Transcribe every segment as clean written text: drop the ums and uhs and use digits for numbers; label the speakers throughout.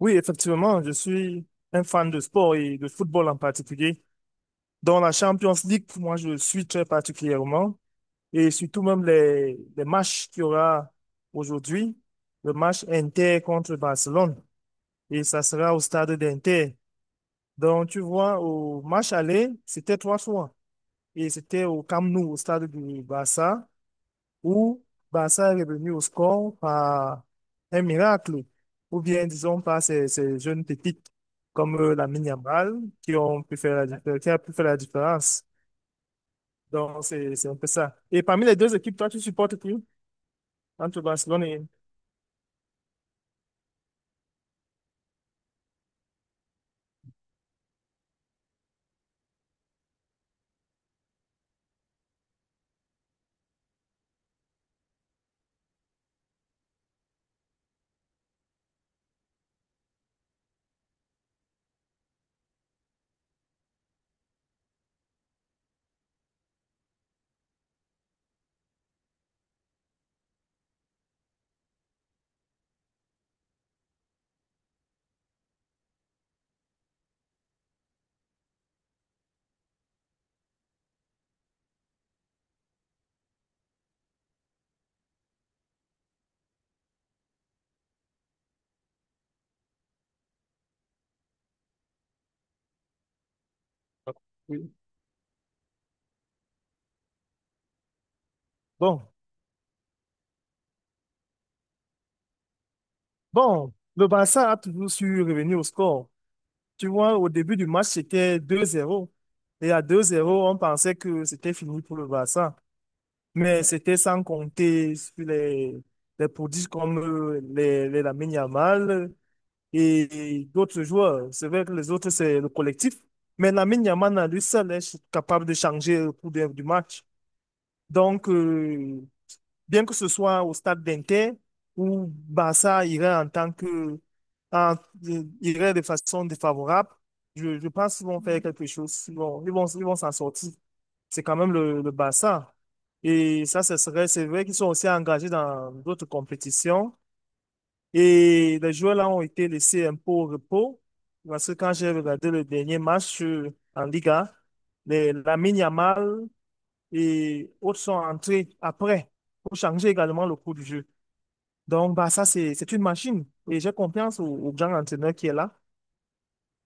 Speaker 1: Oui, effectivement, je suis un fan de sport et de football en particulier. Dans la Champions League, moi, je suis très particulièrement et surtout même les matchs qu'il y aura aujourd'hui, le match Inter contre Barcelone, et ça sera au stade d'Inter. Donc, tu vois, au match aller, c'était trois fois et c'était au Camp Nou, au stade du Barça ou Barça est revenu au score par un miracle, ou bien disons par ces jeunes pépites comme Lamine Yamal qui ont pu faire la différence, qui a pu faire la différence. Donc c'est un peu ça. Et parmi les deux équipes, toi tu supportes qui entre Barcelone et oui. Bon, bon, le Barça a toujours su revenir au score. Tu vois, au début du match, c'était deux zéro. Et à deux zéro, on pensait que c'était fini pour le Barça. Mais c'était sans compter sur les prodiges comme les Lamine Yamal et d'autres joueurs. C'est vrai que les autres, c'est le collectif. Mais Lamine Yamal, à lui seul, est capable de changer le cours de- du match. Donc, bien que ce soit au stade d'Inter, où Barça irait en tant que, en- irait de façon défavorable, je pense qu'ils vont faire quelque chose. Ils vont s'en sortir. C'est quand même le Barça. Et ça, ce serait, c'est vrai qu'ils sont aussi engagés dans d'autres compétitions. Et les joueurs là ont été laissés un peu au repos. Parce que quand j'ai regardé le dernier match en Liga, les, Lamine Yamal et autres sont entrés après pour changer également le cours du jeu. Donc, bah, c'est une machine. Et j'ai confiance au grand entraîneur qui est là.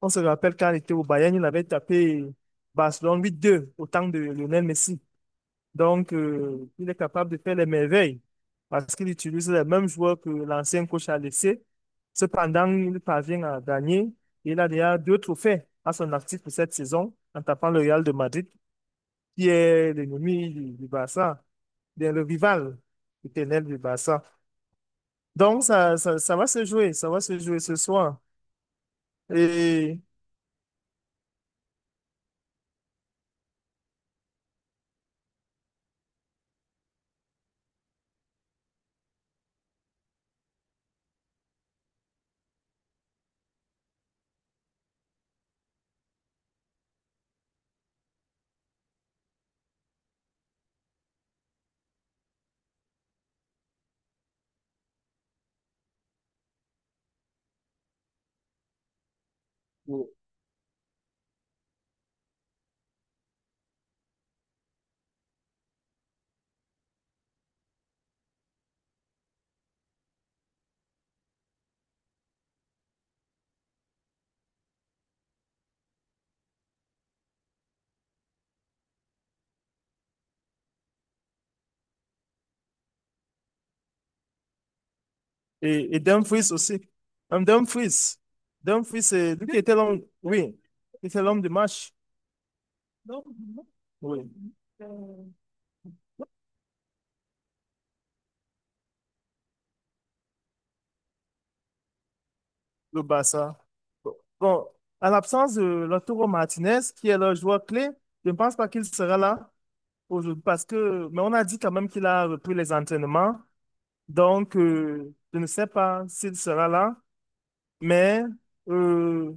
Speaker 1: On se rappelle quand il était au Bayern, il avait tapé Barcelone 8-2 au temps de Lionel Messi. Donc, il est capable de faire les merveilles parce qu'il utilise les mêmes joueurs que l'ancien coach a laissé. Cependant, il parvient à gagner. Il a déjà deux trophées à son actif pour cette saison en tapant le Real de Madrid qui est l'ennemi du Barça, bien le rival éternel du bassin. Donc, ça va se jouer, ça va se jouer ce soir. Et, et Dumfries aussi. Dumfries. Dumfries, c'est lui qui était l'homme, oui, qui était l'homme du match. Oui, le Barça. Bon, à l'absence de Lautaro Martinez, qui est le joueur clé, je ne pense pas qu'il sera là aujourd'hui parce que, mais on a dit quand même qu'il a repris les entraînements. Donc, je ne sais pas s'il sera là, mais euh,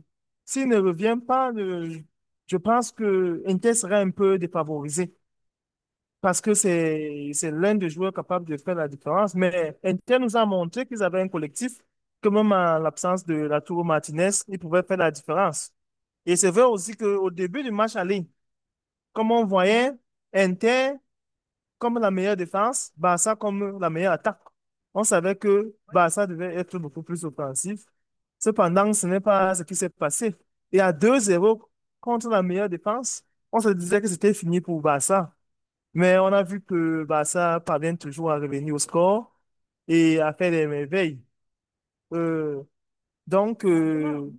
Speaker 1: s'il ne revient pas, je pense que Inter sera un peu défavorisé parce que c'est l'un des joueurs capables de faire la différence. Mais Inter nous a montré qu'ils avaient un collectif, que même en l'absence de Lautaro Martinez, ils pouvaient faire la différence. Et c'est vrai aussi qu'au début du match aller, comme on voyait, Inter comme la meilleure défense, Barça comme la meilleure attaque. On savait que Barça devait être beaucoup plus offensif. Cependant, ce n'est pas ce qui s'est passé. Et à deux zéro contre la meilleure défense, on se disait que c'était fini pour Barça. Mais on a vu que Barça parvient toujours à revenir au score et à faire des merveilles. Euh, donc,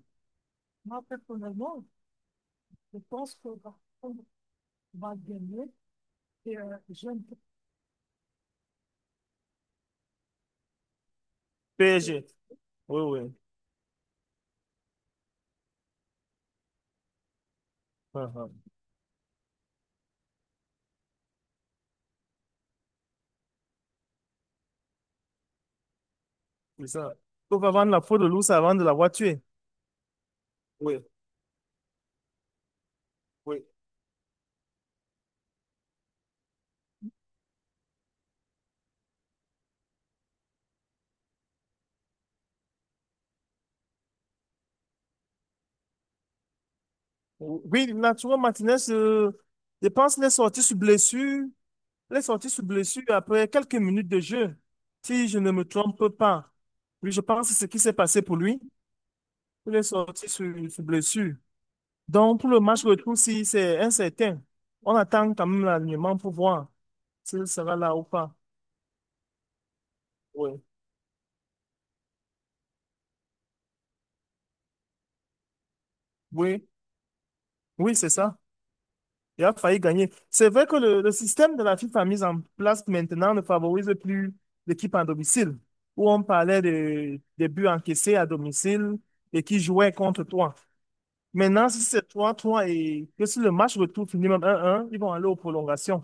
Speaker 1: PSG. Oui, oui. Ah, ah. C'est ça. Il faut pas vendre la peau de l'ours avant de l'avoir tué. Oui, oui. Oui, Arturo Martinez, je pense, les sorties sur blessure, les sorties sur blessure après quelques minutes de jeu, si je ne me trompe pas. Oui, je pense que c'est ce qui s'est passé pour lui, il est sorti sur blessure. Donc, pour le match retour, si c'est incertain, on attend quand même l'alignement pour voir s'il sera là ou pas. Oui. Oui, oui, c'est ça. Il a failli gagner. C'est vrai que le système de la FIFA mis en place maintenant ne favorise plus l'équipe en domicile, où on parlait des buts encaissés à domicile et qui jouaient contre toi. Maintenant, si c'est 3-3 et que si le match retour finit même 1-1, ils vont aller aux prolongations.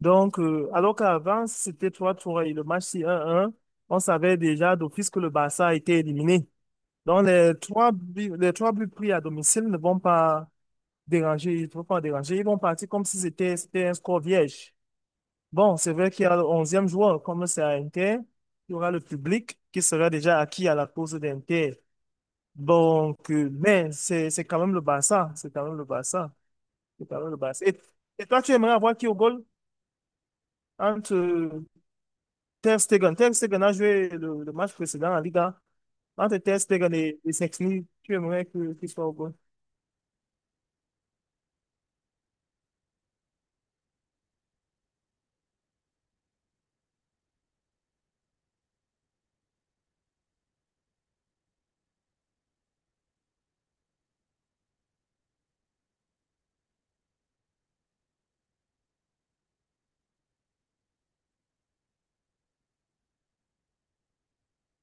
Speaker 1: Donc, alors qu'avant, si c'était 3-3 et le match si 1-1, on savait déjà d'office que le Barça a été éliminé. Donc, les trois buts pris à domicile ne vont pas déranger, il faut pas déranger. Ils vont partir comme si c'était un score vierge. Bon, c'est vrai qu'il y a le onzième joueur, comme c'est à Inter, il y aura le public qui sera déjà acquis à la cause d'Inter. Donc, mais c'est quand même le Barça, c'est quand même le Barça. Et toi, tu aimerais avoir qui au goal entre Ter Stegen? Ter Stegen a joué le match précédent en Liga. Entre Ter Stegen et Szczęsny, tu aimerais que qu'il soit au goal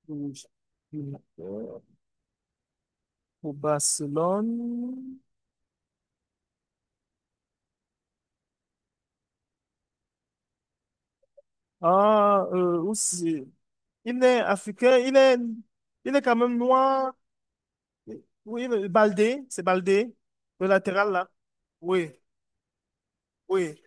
Speaker 1: pour, pour Barcelone? Ah, aussi. Il est africain, il est quand même noir. Oui, le- Baldé, c'est Baldé, le latéral là. Oui, oui.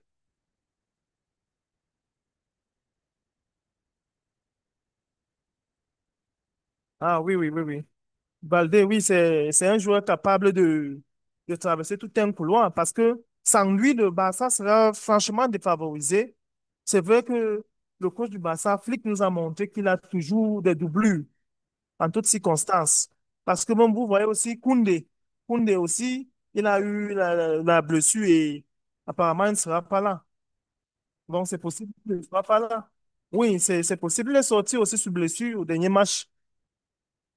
Speaker 1: Ah oui. Baldé, oui, c'est un joueur capable de traverser tout un couloir parce que sans lui, le Barça sera franchement défavorisé. C'est vrai que le coach du Barça, Flick, nous a montré qu'il a toujours des doublures en toutes circonstances. Parce que même vous voyez aussi Koundé. Koundé aussi, il a eu la blessure et apparemment il ne sera pas là. Donc c'est possible qu'il ne sera pas là. Oui, c'est possible. Il est sorti aussi sur blessure au dernier match.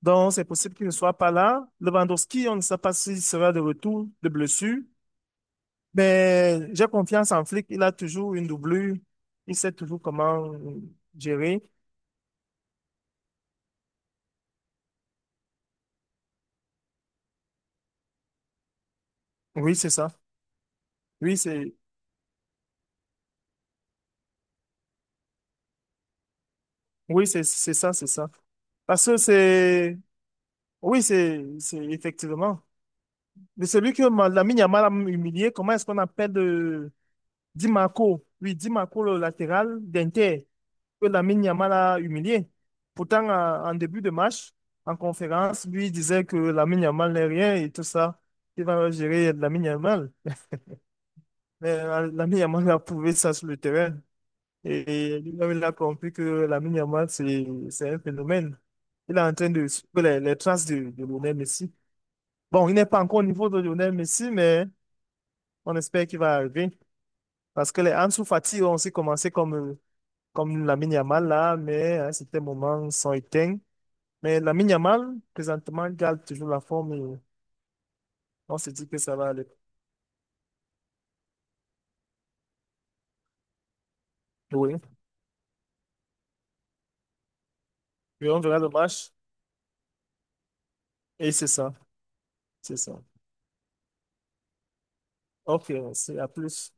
Speaker 1: Donc c'est possible qu'il ne soit pas là. Lewandowski, on ne sait pas s'il sera de retour de blessure. Mais j'ai confiance en Flick. Il a toujours une doublure. Il sait toujours comment gérer. Oui, c'est ça. Oui, c'est c'est ça. Parce que c'est Oui, c'est effectivement. Mais celui que Ma- Lamine Yamal a humilié, comment est-ce qu'on appelle Di Marco? Oui, Di Marco, le latéral d'Inter, que Lamine Yamal a humilié. Pourtant, en début de match, en conférence, lui il disait que Lamine Yamal n'est rien et tout ça. Il va gérer Lamine Yamal. Mais Lamine Yamal a prouvé ça sur le terrain. Et, lui-même, il a compris que Lamine Yamal, c'est un phénomène. Il est en train de suivre les traces de Lionel Messi. Bon, il n'est pas encore au niveau de Lionel Messi, mais on espère qu'il va arriver. Parce que les Ansu Fati ont aussi commencé comme, comme Lamine Yamal là, mais à un certain moment, ils sont éteints. Mais Lamine Yamal, présentement, il garde toujours la forme et on se dit que ça va aller. Oui. Mais on verra le match et c'est ça. C'est ça. Ok, c'est à plus.